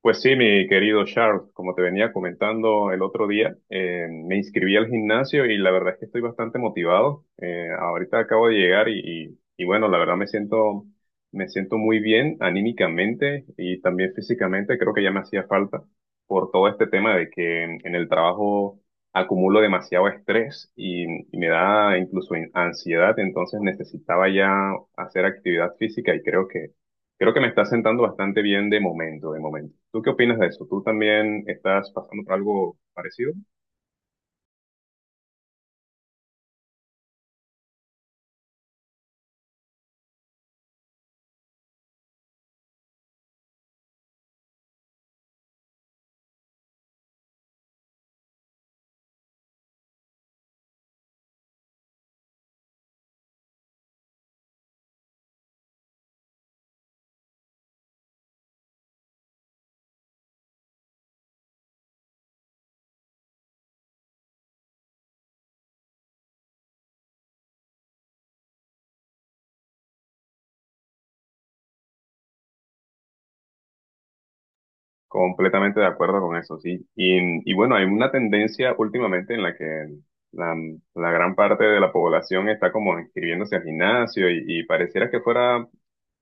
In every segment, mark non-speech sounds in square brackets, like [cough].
Pues sí, mi querido Charles, como te venía comentando el otro día, me inscribí al gimnasio y la verdad es que estoy bastante motivado. Ahorita acabo de llegar y bueno, la verdad me siento muy bien anímicamente y también físicamente. Creo que ya me hacía falta por todo este tema de que en el trabajo acumulo demasiado estrés y me da incluso ansiedad. Entonces necesitaba ya hacer actividad física y creo que me está sentando bastante bien de momento, de momento. ¿Tú qué opinas de eso? ¿Tú también estás pasando por algo parecido? Completamente de acuerdo con eso, sí. Y bueno, hay una tendencia últimamente en la que la, la gran parte de la población está como inscribiéndose al gimnasio y pareciera que fuera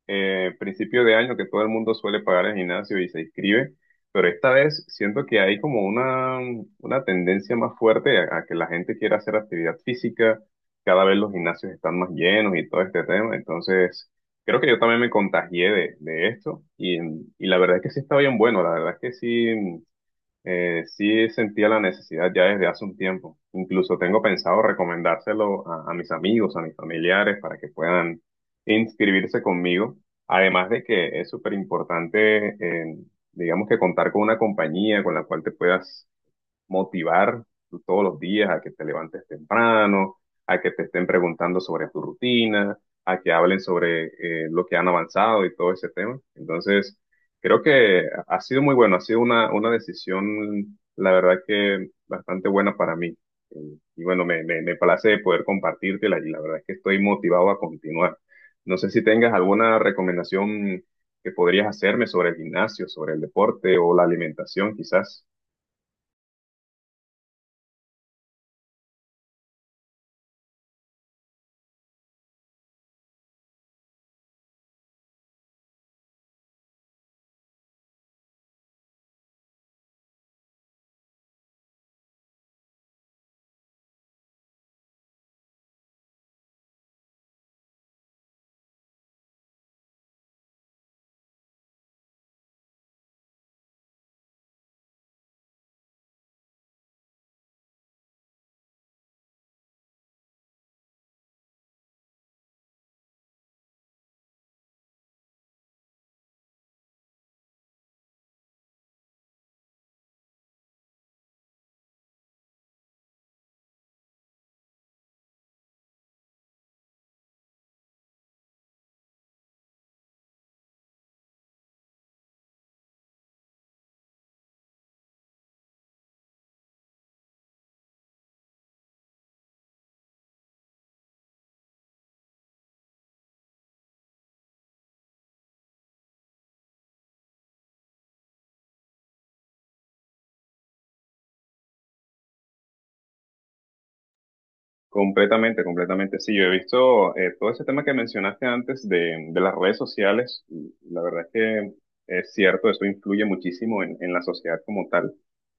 principio de año que todo el mundo suele pagar el gimnasio y se inscribe, pero esta vez siento que hay como una tendencia más fuerte a que la gente quiera hacer actividad física, cada vez los gimnasios están más llenos y todo este tema, entonces creo que yo también me contagié de esto y la verdad es que sí está bien bueno, la verdad es que sí, sí sentía la necesidad ya desde hace un tiempo. Incluso tengo pensado recomendárselo a mis amigos, a mis familiares, para que puedan inscribirse conmigo. Además de que es súper importante, digamos que contar con una compañía con la cual te puedas motivar tú todos los días a que te levantes temprano, a que te estén preguntando sobre tu rutina, a que hablen sobre lo que han avanzado y todo ese tema. Entonces, creo que ha sido muy bueno, ha sido una decisión, la verdad que bastante buena para mí. Y bueno, me place poder compartírtela y la verdad es que estoy motivado a continuar. No sé si tengas alguna recomendación que podrías hacerme sobre el gimnasio, sobre el deporte o la alimentación, quizás. Completamente, completamente. Sí, yo he visto todo ese tema que mencionaste antes de las redes sociales. La verdad es que es cierto, eso influye muchísimo en la sociedad como tal.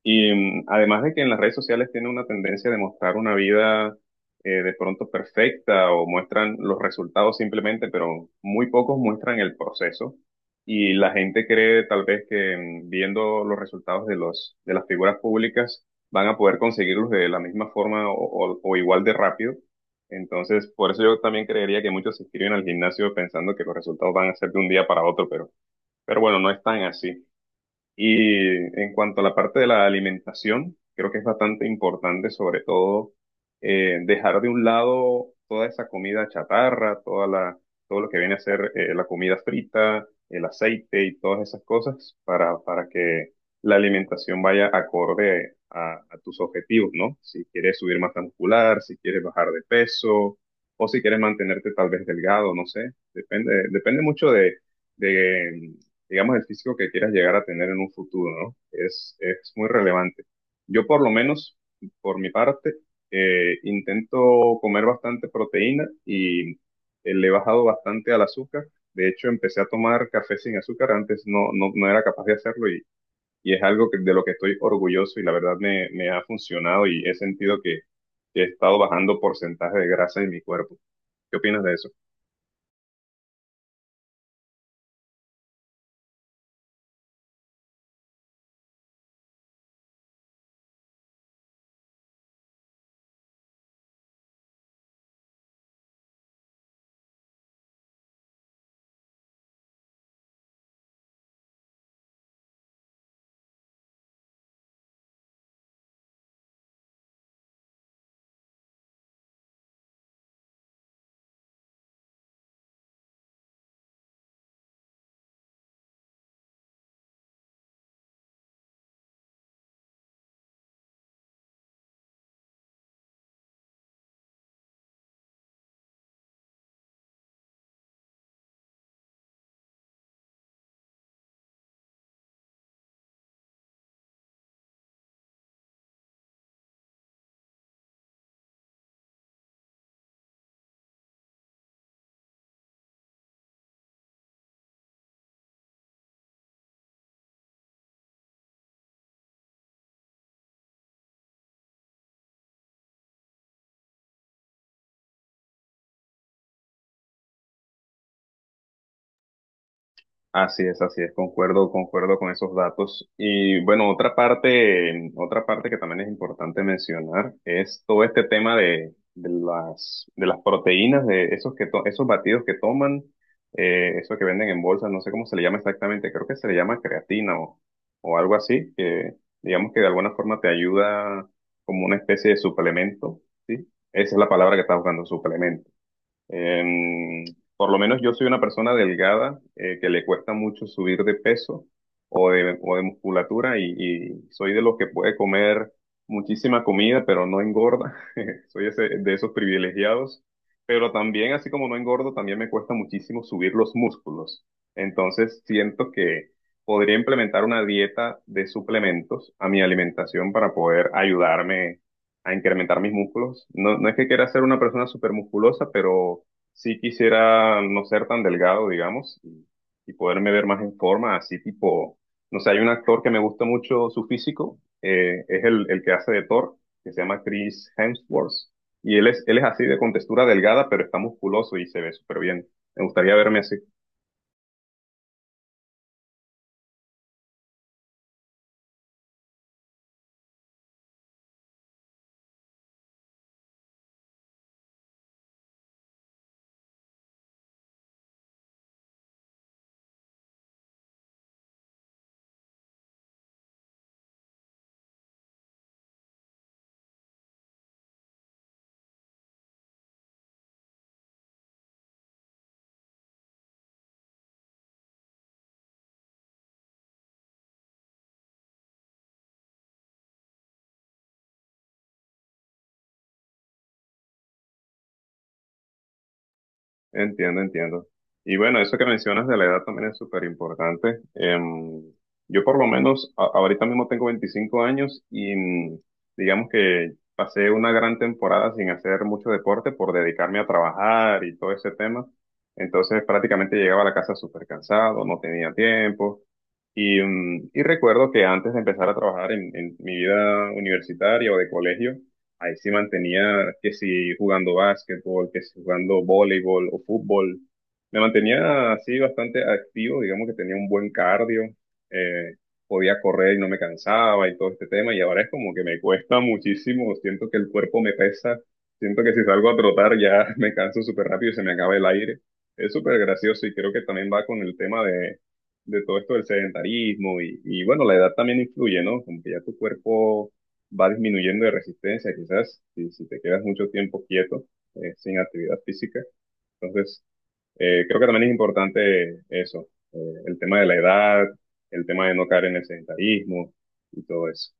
Y además de que en las redes sociales tiene una tendencia de mostrar una vida de pronto perfecta o muestran los resultados simplemente, pero muy pocos muestran el proceso. Y la gente cree tal vez que viendo los resultados de los, de las figuras públicas, van a poder conseguirlos de la misma forma o, o igual de rápido. Entonces, por eso yo también creería que muchos se inscriben al gimnasio pensando que los resultados van a ser de un día para otro, pero bueno, no es tan así. Y en cuanto a la parte de la alimentación, creo que es bastante importante, sobre todo, dejar de un lado toda esa comida chatarra, toda la, todo lo que viene a ser la comida frita, el aceite y todas esas cosas para que la alimentación vaya acorde a tus objetivos, ¿no? Si quieres subir masa muscular, si quieres bajar de peso o si quieres mantenerte tal vez delgado, no sé. Depende, depende mucho de digamos, el físico que quieras llegar a tener en un futuro, ¿no? Es muy relevante. Yo por lo menos, por mi parte, intento comer bastante proteína y le he bajado bastante al azúcar. De hecho, empecé a tomar café sin azúcar, antes no era capaz de hacerlo y es algo que- de lo que estoy orgulloso y la verdad me ha funcionado y he sentido que he estado bajando porcentaje de grasa en mi cuerpo. ¿Qué opinas de eso? Así es, concuerdo, concuerdo con esos datos. Y bueno, otra parte que también es importante mencionar es todo este tema de las proteínas, de esos que to- esos batidos que toman, eso que venden en bolsas, no sé cómo se le llama exactamente, creo que se le llama creatina o algo así, que digamos que de alguna forma te ayuda como una especie de suplemento, ¿sí? Esa es la palabra que estás buscando, suplemento. Em, por lo menos yo soy una persona delgada que le cuesta mucho subir de peso o de musculatura y soy de los que puede comer muchísima comida pero no engorda. [laughs] Soy ese- de esos privilegiados. Pero también, así como no engordo, también me cuesta muchísimo subir los músculos. Entonces siento que podría implementar una dieta de suplementos a mi alimentación para poder ayudarme a incrementar mis músculos. No, no es que quiera ser una persona súper musculosa, pero sí quisiera no ser tan delgado, digamos, y poderme ver más en forma, así tipo, no sé, hay un actor que me gusta mucho su físico, es el que hace de Thor, que se llama Chris Hemsworth, y él es así de contextura delgada, pero está musculoso y se ve súper bien. Me gustaría verme así. Entiendo, entiendo. Y bueno, eso que mencionas de la edad también es súper importante. Em, yo por lo menos a- ahorita mismo tengo 25 años y digamos que pasé una gran temporada sin hacer mucho deporte por dedicarme a trabajar y todo ese tema. Entonces prácticamente llegaba a la casa súper cansado, no tenía tiempo. Y, y recuerdo que antes de empezar a trabajar en mi vida universitaria o de colegio, ahí sí mantenía que si jugando básquetbol, que si jugando voleibol o fútbol, me mantenía así bastante activo, digamos que tenía un buen cardio, eh, podía correr y no me cansaba y todo este tema, y ahora es como que me cuesta [laughs] muchísimo, siento que el cuerpo me pesa, siento que si salgo a trotar ya [laughs] me canso súper rápido y se me acaba el aire. Es súper gracioso y creo que también va con el tema de todo esto del sedentarismo y bueno, la edad también influye, ¿no? Como que ya tu cuerpo va disminuyendo de resistencia, quizás si, si te quedas mucho tiempo quieto, sin actividad física. Entonces, creo que también es importante eso, el tema de la edad, el tema de no caer en el sedentarismo y todo eso.